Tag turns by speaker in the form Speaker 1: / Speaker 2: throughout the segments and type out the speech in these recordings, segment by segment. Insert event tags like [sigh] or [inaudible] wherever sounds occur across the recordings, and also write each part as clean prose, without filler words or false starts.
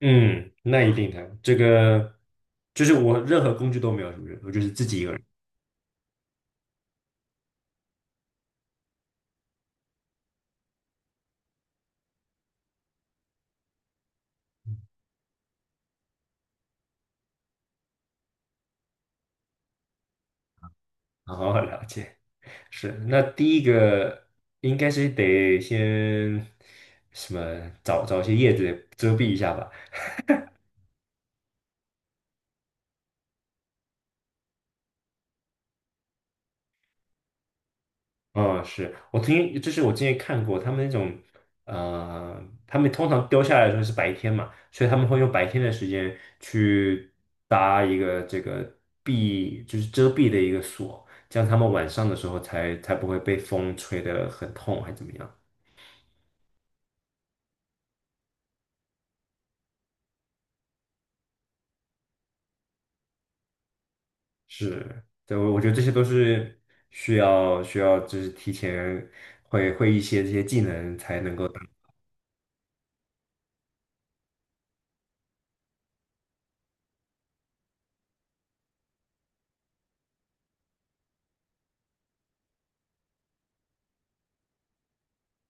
Speaker 1: 嗯，那一定的，这个就是我任何工具都没有，是不是？我就是自己一个人，好好了解。是，那第一个应该是得先什么找找一些叶子遮蔽一下吧。嗯，是我曾经，就是我之前看过他们那种，呃，他们通常丢下来的时候是白天嘛，所以他们会用白天的时间去搭一个这个避，就是遮蔽的一个锁，这样他们晚上的时候才不会被风吹得很痛，还怎么样？是，对，我觉得这些都是需要，就是提前会一些这些技能才能够达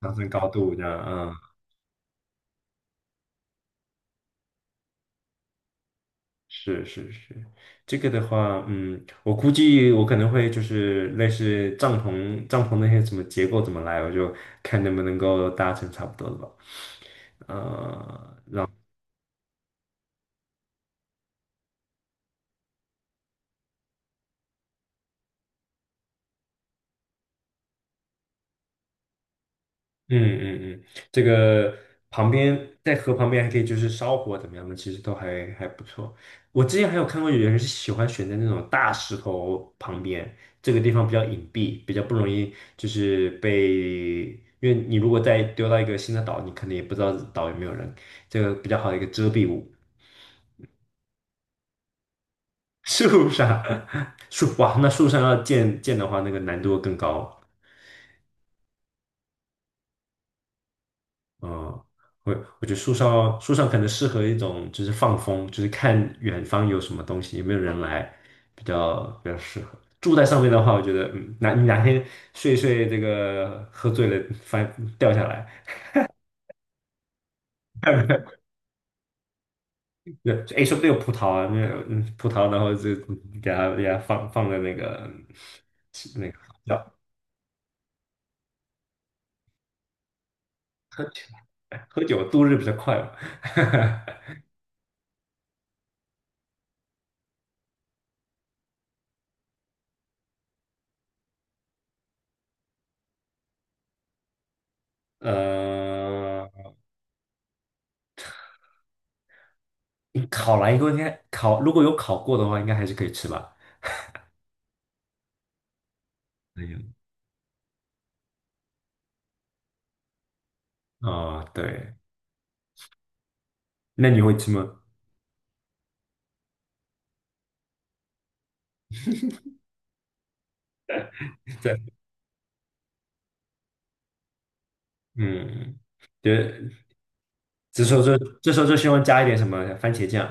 Speaker 1: 上升高度这样，嗯，是是是，这个的话，嗯，我估计我可能会就是类似帐篷那些什么结构怎么来，我就看能不能够搭成差不多的吧。呃，嗯嗯嗯，这个旁边在河旁边还可以就是烧火怎么样的，其实都还不错。我之前还有看过有人是喜欢选在那种大石头旁边，这个地方比较隐蔽，比较不容易就是被，因为你如果再丢到一个新的岛，你可能也不知道岛有没有人，这个比较好的一个遮蔽物。[laughs] 树上，[laughs] 树，哇，那树上要建的话，那个难度更高。嗯，我我觉得树上可能适合一种就是放风，就是看远方有什么东西，有没有人来，比较适合。住在上面的话，我觉得嗯，哪你哪天睡一睡，这个喝醉了翻掉下来，那哎说不定有葡萄啊，那嗯葡萄，然后就给它放在那个那个叫喝酒度日比较快嘛。[laughs] 呃，烤完以后应该烤如果有烤过的话，应该还是可以吃吧。哎呦啊，对，那你会吃吗？对，嗯，对，这时候就这时候就希望加一点什么番茄酱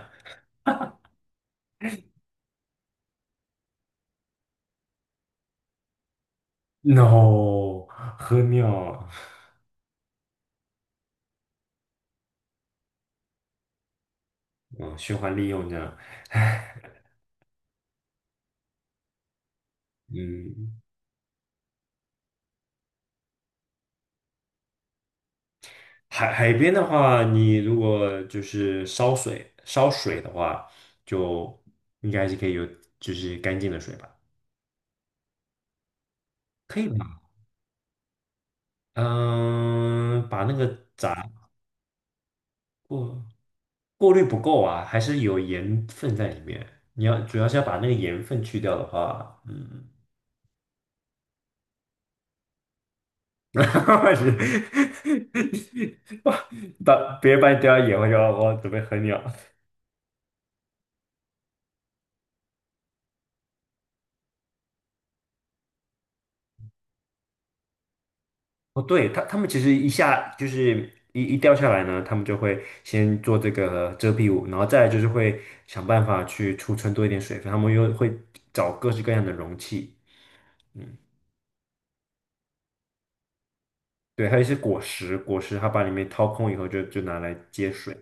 Speaker 1: ，no,喝尿，嗯，循环利用这样。嗯，海边的话，你如果就是烧水的话，就应该是可以有就是干净的水吧？可以吧？嗯，把那个炸过。过滤不够啊，还是有盐分在里面。你要主要是要把那个盐分去掉的话，嗯，[laughs] 是把把别人把你掉到盐，我就我准备喝尿。哦，对，他他们其实一下就是一一掉下来呢，他们就会先做这个遮蔽物，然后再来就是会想办法去储存多一点水分，他们又会找各式各样的容器，对，还有一些果实，果实它把里面掏空以后就拿来接水。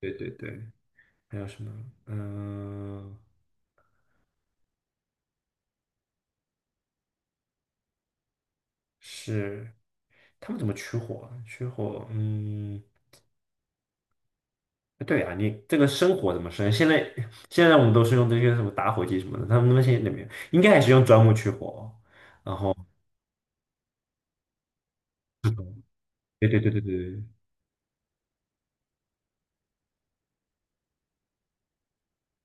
Speaker 1: 对对对。还有什么？嗯，是他们怎么取火啊？取火，嗯，对啊，你这个生火怎么生？现在我们都是用这些什么打火机什么的，他们那边现在那边应该还是用钻木取火哦。对对对对对对，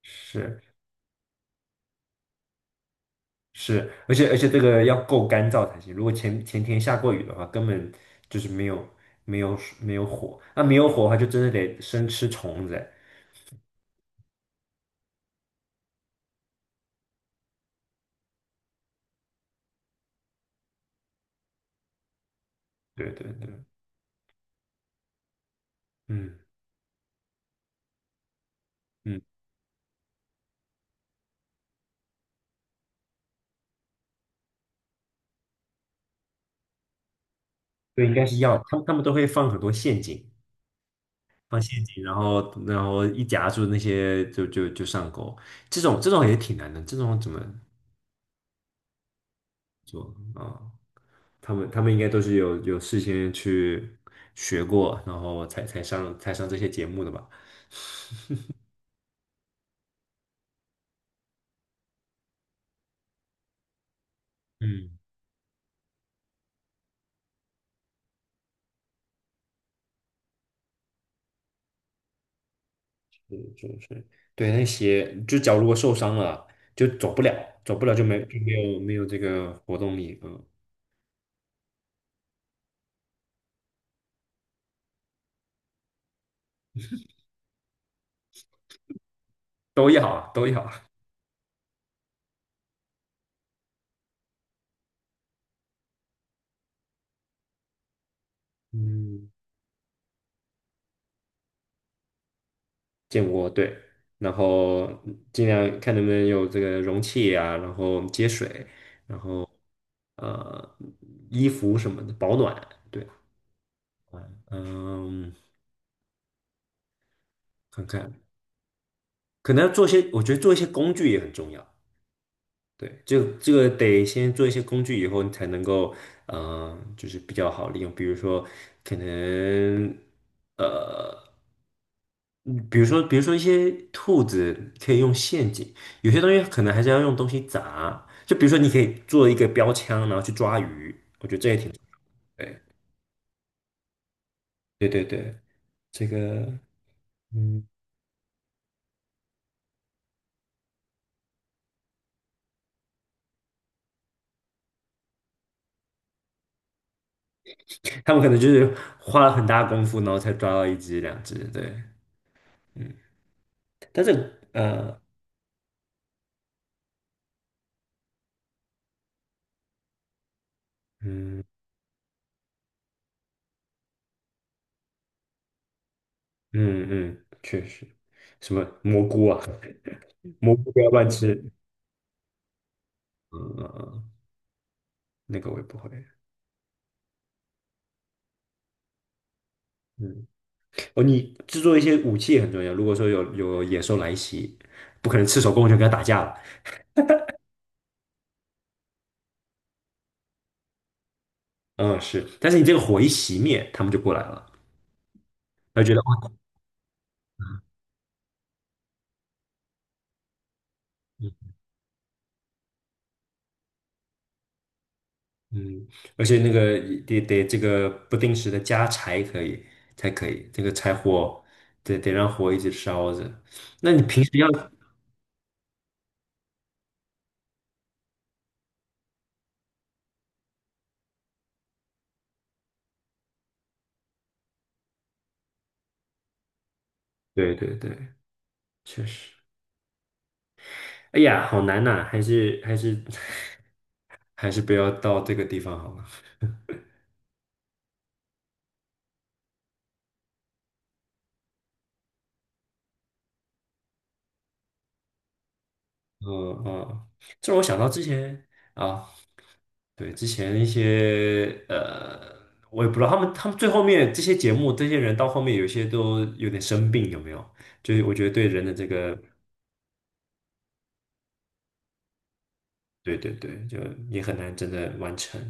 Speaker 1: 是是，而且这个要够干燥才行。如果前前天下过雨的话，根本就是没有没有火，那、没有火的话，就真的得生吃虫子。对对对，嗯嗯，对，应该是要，他们都会放很多陷阱。放陷阱，然后一夹住那些就上钩，这种也挺难的，这种怎么啊、他们应该都是有事先去学过，然后才上才上这些节目的吧？嗯，[laughs] 是是是，对，那些就脚如果受伤了，就走不了，走不了就没有这个活动力，嗯，都要啊都要，啊。嗯，[laughs] 建窝对，然后尽量看能不能有这个容器啊，然后接水。呃衣服什么的保暖。对，嗯，看看，可能要做些，我觉得做一些工具也很重要。对，这个得先做一些工具，以后你才能够，嗯，就是比较好利用。比如说，可能，呃，比如说,一些兔子可以用陷阱，有些东西可能还是要用东西砸。就比如说，你可以做一个标枪，然后去抓鱼。对，对对对，这个。嗯。他们可能就是花了很大功夫，然后才抓到一只两只，对，嗯，但是嗯嗯嗯，确实，什么蘑菇啊，蘑菇不要乱吃，嗯，那个我也不会，嗯，哦，你制作一些武器也很重要，如果说有野兽来袭，不可能赤手空拳跟他打架了，嗯是，但是你这个火一熄灭，他们就过来了，他就觉得。嗯，而且那个得这个不定时的加柴可以才可以，这个柴火得让火一直烧着。那你平时要，对对对，确实。哎呀，好难呐、还是还是 [laughs] 还是不要到这个地方好了。嗯嗯，这让我想到之前啊，对，之前一些呃，我也不知道他们最后面这些节目，这些人到后面有些都有点生病，有没有？就是我觉得对人的这个。对对对，就也很难真的完成。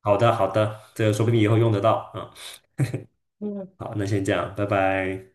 Speaker 1: 好的，好的，这个说不定以后用得到啊。嗯，好，那先这样，拜拜。